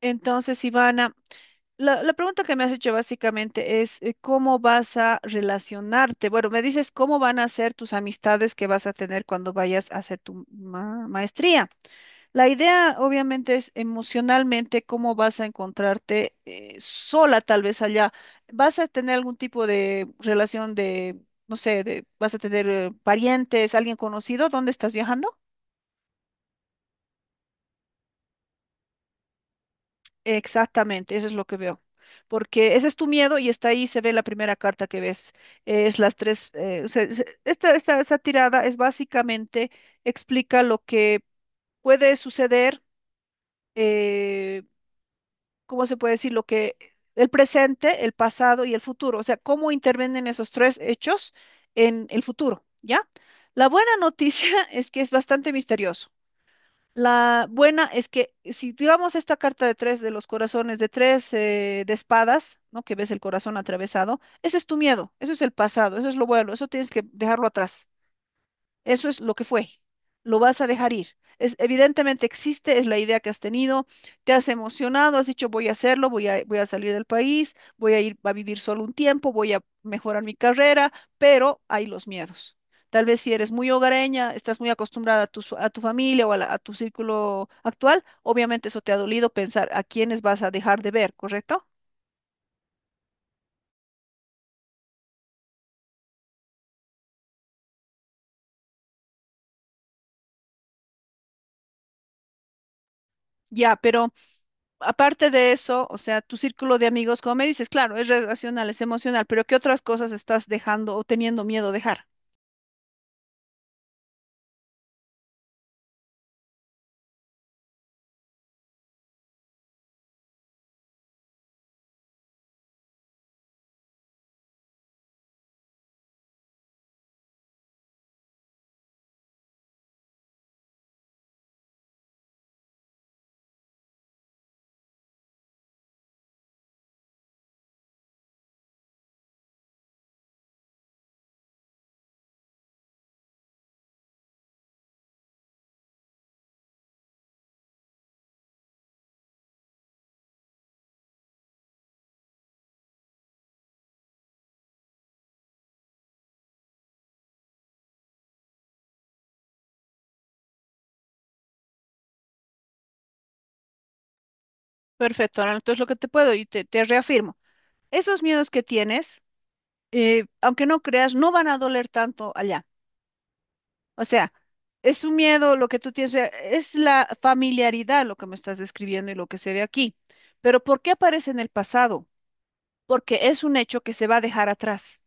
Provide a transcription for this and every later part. Entonces, Ivana, la pregunta que me has hecho básicamente es ¿cómo vas a relacionarte? Bueno, me dices cómo van a ser tus amistades que vas a tener cuando vayas a hacer tu maestría. La idea, obviamente, es emocionalmente cómo vas a encontrarte sola tal vez allá. ¿Vas a tener algún tipo de relación de, no sé, de, vas a tener parientes, alguien conocido? ¿Dónde estás viajando? Exactamente, eso es lo que veo. Porque ese es tu miedo y está ahí, se ve la primera carta que ves. Es las tres. O sea, esta tirada es básicamente, explica lo que puede suceder, eh, ¿cómo se puede decir? Lo que el presente, el pasado y el futuro. O sea, cómo intervienen esos tres hechos en el futuro, ¿ya? La buena noticia es que es bastante misterioso. La buena es que si tiramos esta carta de tres de los corazones, de tres de espadas, ¿no? Que ves el corazón atravesado, ese es tu miedo, eso es el pasado, eso es lo bueno, eso tienes que dejarlo atrás. Eso es lo que fue. Lo vas a dejar ir. Es, evidentemente existe, es la idea que has tenido, te has emocionado, has dicho voy a hacerlo, voy a, voy a salir del país, voy a ir a vivir solo un tiempo, voy a mejorar mi carrera, pero hay los miedos. Tal vez si eres muy hogareña, estás muy acostumbrada a tu familia o a tu círculo actual, obviamente eso te ha dolido pensar a quiénes vas a dejar de ver, ¿correcto? Ya, pero aparte de eso, o sea, tu círculo de amigos, como me dices, claro, es relacional, es emocional, pero ¿qué otras cosas estás dejando o teniendo miedo de dejar? Perfecto, ahora entonces lo que te puedo y te reafirmo, esos miedos que tienes, aunque no creas, no van a doler tanto allá. O sea, es un miedo lo que tú tienes, o sea, es la familiaridad lo que me estás describiendo y lo que se ve aquí. Pero ¿por qué aparece en el pasado? Porque es un hecho que se va a dejar atrás.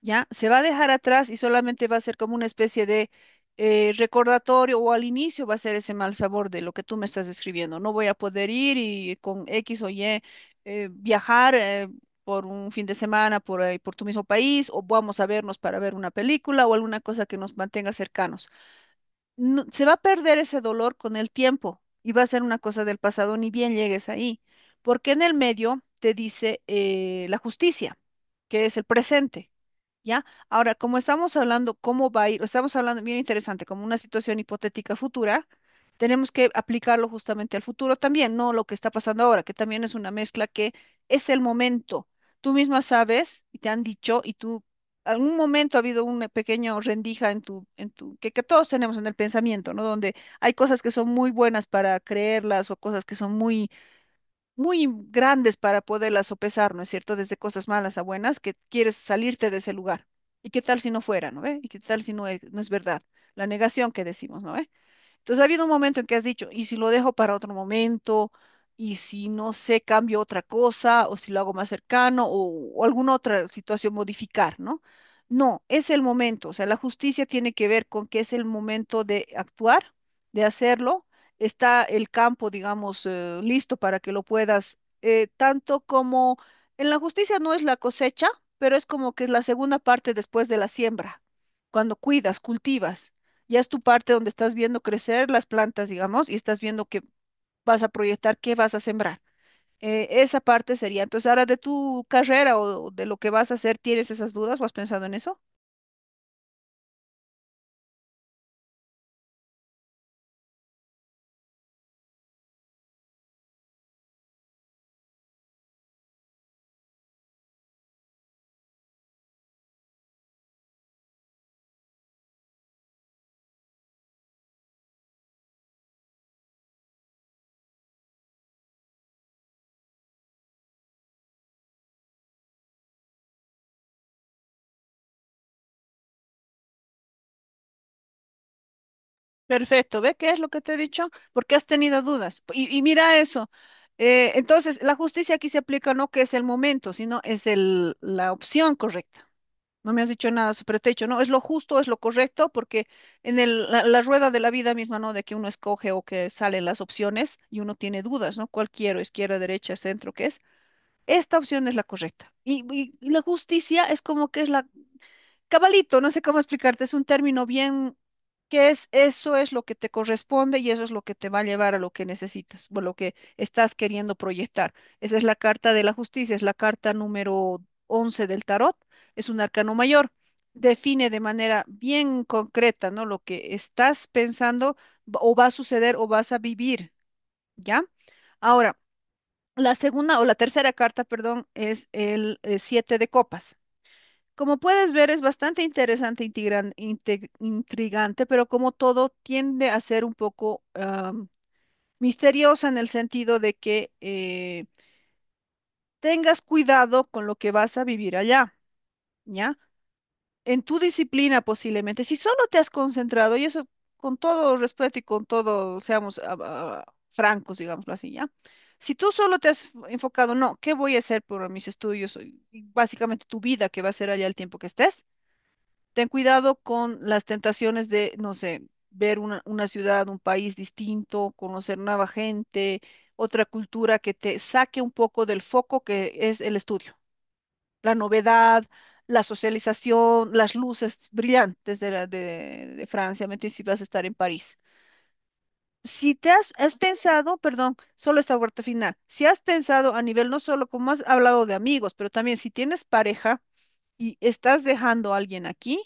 ¿Ya? Se va a dejar atrás y solamente va a ser como una especie de recordatorio o al inicio va a ser ese mal sabor de lo que tú me estás escribiendo. No voy a poder ir y con X o Y viajar por un fin de semana por ahí, por tu mismo país o vamos a vernos para ver una película o alguna cosa que nos mantenga cercanos. Se va a perder ese dolor con el tiempo y va a ser una cosa del pasado ni bien llegues ahí, porque en el medio te dice la justicia, que es el presente. ¿Ya? Ahora, como estamos hablando cómo va a ir, estamos hablando bien interesante, como una situación hipotética futura, tenemos que aplicarlo justamente al futuro también, no lo que está pasando ahora, que también es una mezcla que es el momento. Tú misma sabes y te han dicho y tú, algún momento ha habido una pequeña rendija en tu, que todos tenemos en el pensamiento, ¿no? Donde hay cosas que son muy buenas para creerlas o cosas que son muy muy grandes para poderlas sopesar, ¿no es cierto? Desde cosas malas a buenas, que quieres salirte de ese lugar. ¿Y qué tal si no fuera, no ve? ¿Y qué tal si no es, verdad? La negación que decimos, ¿no ve? Entonces ha habido un momento en que has dicho, ¿y si lo dejo para otro momento? ¿Y si no sé, cambio otra cosa? ¿O si lo hago más cercano? O alguna otra situación modificar, ¿no? No, es el momento. O sea, la justicia tiene que ver con que es el momento de actuar, de hacerlo. Está el campo, digamos, listo para que lo puedas, tanto como en la justicia no es la cosecha, pero es como que es la segunda parte después de la siembra, cuando cuidas, cultivas. Ya es tu parte donde estás viendo crecer las plantas, digamos, y estás viendo que vas a proyectar qué vas a sembrar. Esa parte sería. Entonces, ahora de tu carrera o de lo que vas a hacer, ¿tienes esas dudas o has pensado en eso? Perfecto, ¿ve qué es lo que te he dicho? Porque has tenido dudas. Y mira eso. Entonces, la justicia aquí se aplica no que es el momento, sino es la opción correcta. No me has dicho nada, pero te he dicho, no, es lo justo, es lo correcto, porque la rueda de la vida misma, ¿no? De que uno escoge o que salen las opciones y uno tiene dudas, ¿no? ¿Cuál quiero? Izquierda, derecha, centro, ¿qué es? Esta opción es la correcta. Y la justicia es como que es la, cabalito, no sé cómo explicarte, es un término bien que es eso es lo que te corresponde y eso es lo que te va a llevar a lo que necesitas o lo que estás queriendo proyectar. Esa es la carta de la justicia, es la carta número 11 del tarot, es un arcano mayor. Define de manera bien concreta, ¿no? Lo que estás pensando o va a suceder o vas a vivir, ¿ya? Ahora, la segunda o la tercera carta, perdón, es el siete de copas. Como puedes ver, es bastante interesante, intrigante, pero como todo tiende a ser un poco misteriosa en el sentido de que tengas cuidado con lo que vas a vivir allá, ¿ya? En tu disciplina posiblemente, si solo te has concentrado, y eso con todo respeto y con todo, seamos francos, digámoslo así, ¿ya? Si tú solo te has enfocado, no, ¿qué voy a hacer por mis estudios? Y básicamente tu vida que va a ser allá el tiempo que estés, ten cuidado con las tentaciones de, no sé, ver una ciudad, un país distinto, conocer nueva gente, otra cultura que te saque un poco del foco que es el estudio, la novedad, la socialización, las luces brillantes de Francia, mete si vas a estar en París. Si has pensado, perdón, solo esta vuelta final, si has pensado a nivel no solo como has hablado de amigos, pero también si tienes pareja y estás dejando a alguien aquí,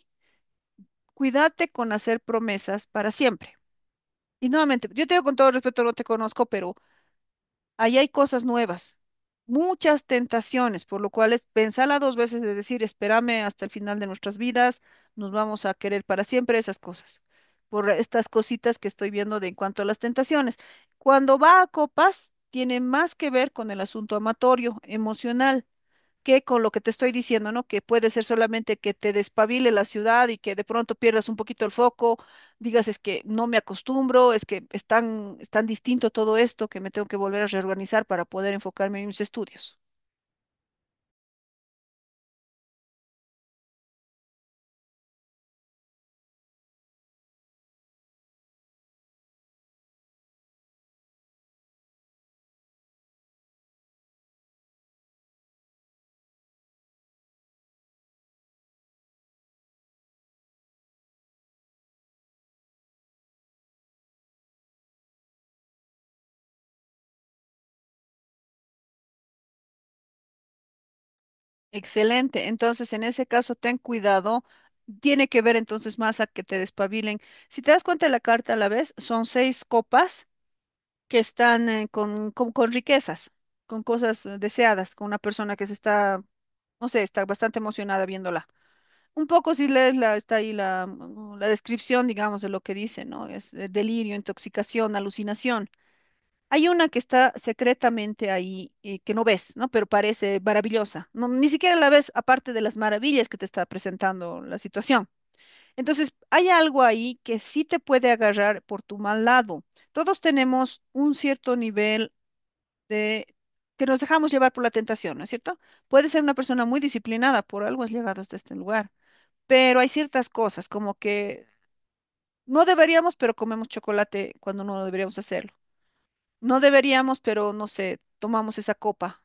cuídate con hacer promesas para siempre. Y nuevamente, yo te digo con todo respeto, no te conozco, pero ahí hay cosas nuevas, muchas tentaciones, por lo cual es pensarla dos veces de decir, espérame hasta el final de nuestras vidas, nos vamos a querer para siempre esas cosas, por estas cositas que estoy viendo de en cuanto a las tentaciones. Cuando va a copas, tiene más que ver con el asunto amatorio, emocional que con lo que te estoy diciendo, ¿no? Que puede ser solamente que te despabile la ciudad y que de pronto pierdas un poquito el foco, digas es que no me acostumbro, es que es tan distinto todo esto que me tengo que volver a reorganizar para poder enfocarme en mis estudios. Excelente. Entonces, en ese caso, ten cuidado. Tiene que ver entonces más a que te despabilen. Si te das cuenta de la carta a la vez, son seis copas. Que están con riquezas, con cosas deseadas, con una persona que se está, no sé, está bastante emocionada viéndola. Un poco si lees la, está ahí la descripción, digamos, de lo que dice, ¿no? Es delirio, intoxicación, alucinación. Hay una que está secretamente ahí que no ves, ¿no? Pero parece maravillosa. No, ni siquiera la ves aparte de las maravillas que te está presentando la situación. Entonces, hay algo ahí que sí te puede agarrar por tu mal lado. Todos tenemos un cierto nivel de que nos dejamos llevar por la tentación, ¿no es cierto? Puede ser una persona muy disciplinada, por algo has llegado hasta este lugar, pero hay ciertas cosas como que no deberíamos, pero comemos chocolate cuando no deberíamos hacerlo. No deberíamos, pero no sé, tomamos esa copa,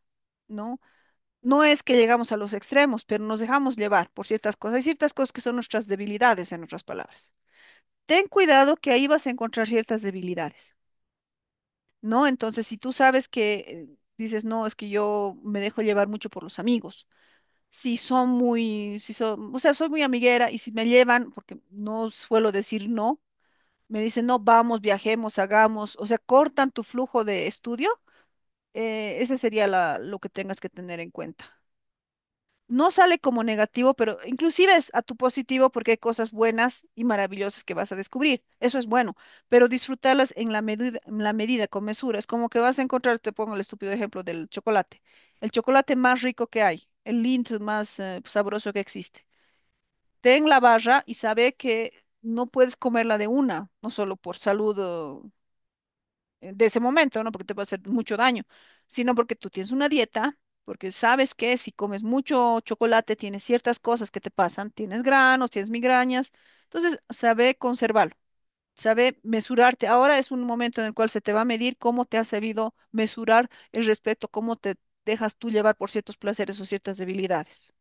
¿no? No es que llegamos a los extremos, pero nos dejamos llevar por ciertas cosas. Hay ciertas cosas que son nuestras debilidades, en otras palabras. Ten cuidado que ahí vas a encontrar ciertas debilidades. ¿No? Entonces, si tú sabes que dices, no, es que yo me dejo llevar mucho por los amigos. Si son, o sea, soy muy amiguera y si me llevan, porque no suelo decir no, me dicen, no, vamos, viajemos, hagamos, o sea, cortan tu flujo de estudio, ese sería lo que tengas que tener en cuenta, no sale como negativo, pero inclusive es a tu positivo porque hay cosas buenas y maravillosas que vas a descubrir. Eso es bueno, pero disfrutarlas en la medida, con mesura. Es como que vas a encontrar, te pongo el estúpido ejemplo del chocolate, el chocolate más rico que hay, el Lindt más sabroso que existe. Ten la barra y sabe que no puedes comerla de una, no solo por salud de ese momento, no porque te puede hacer mucho daño, sino porque tú tienes una dieta, porque sabes que si comes mucho chocolate tienes ciertas cosas que te pasan, tienes granos, tienes migrañas, entonces sabe conservarlo. Sabe mesurarte. Ahora es un momento en el cual se te va a medir cómo te has sabido mesurar el respeto, cómo te dejas tú llevar por ciertos placeres o ciertas debilidades.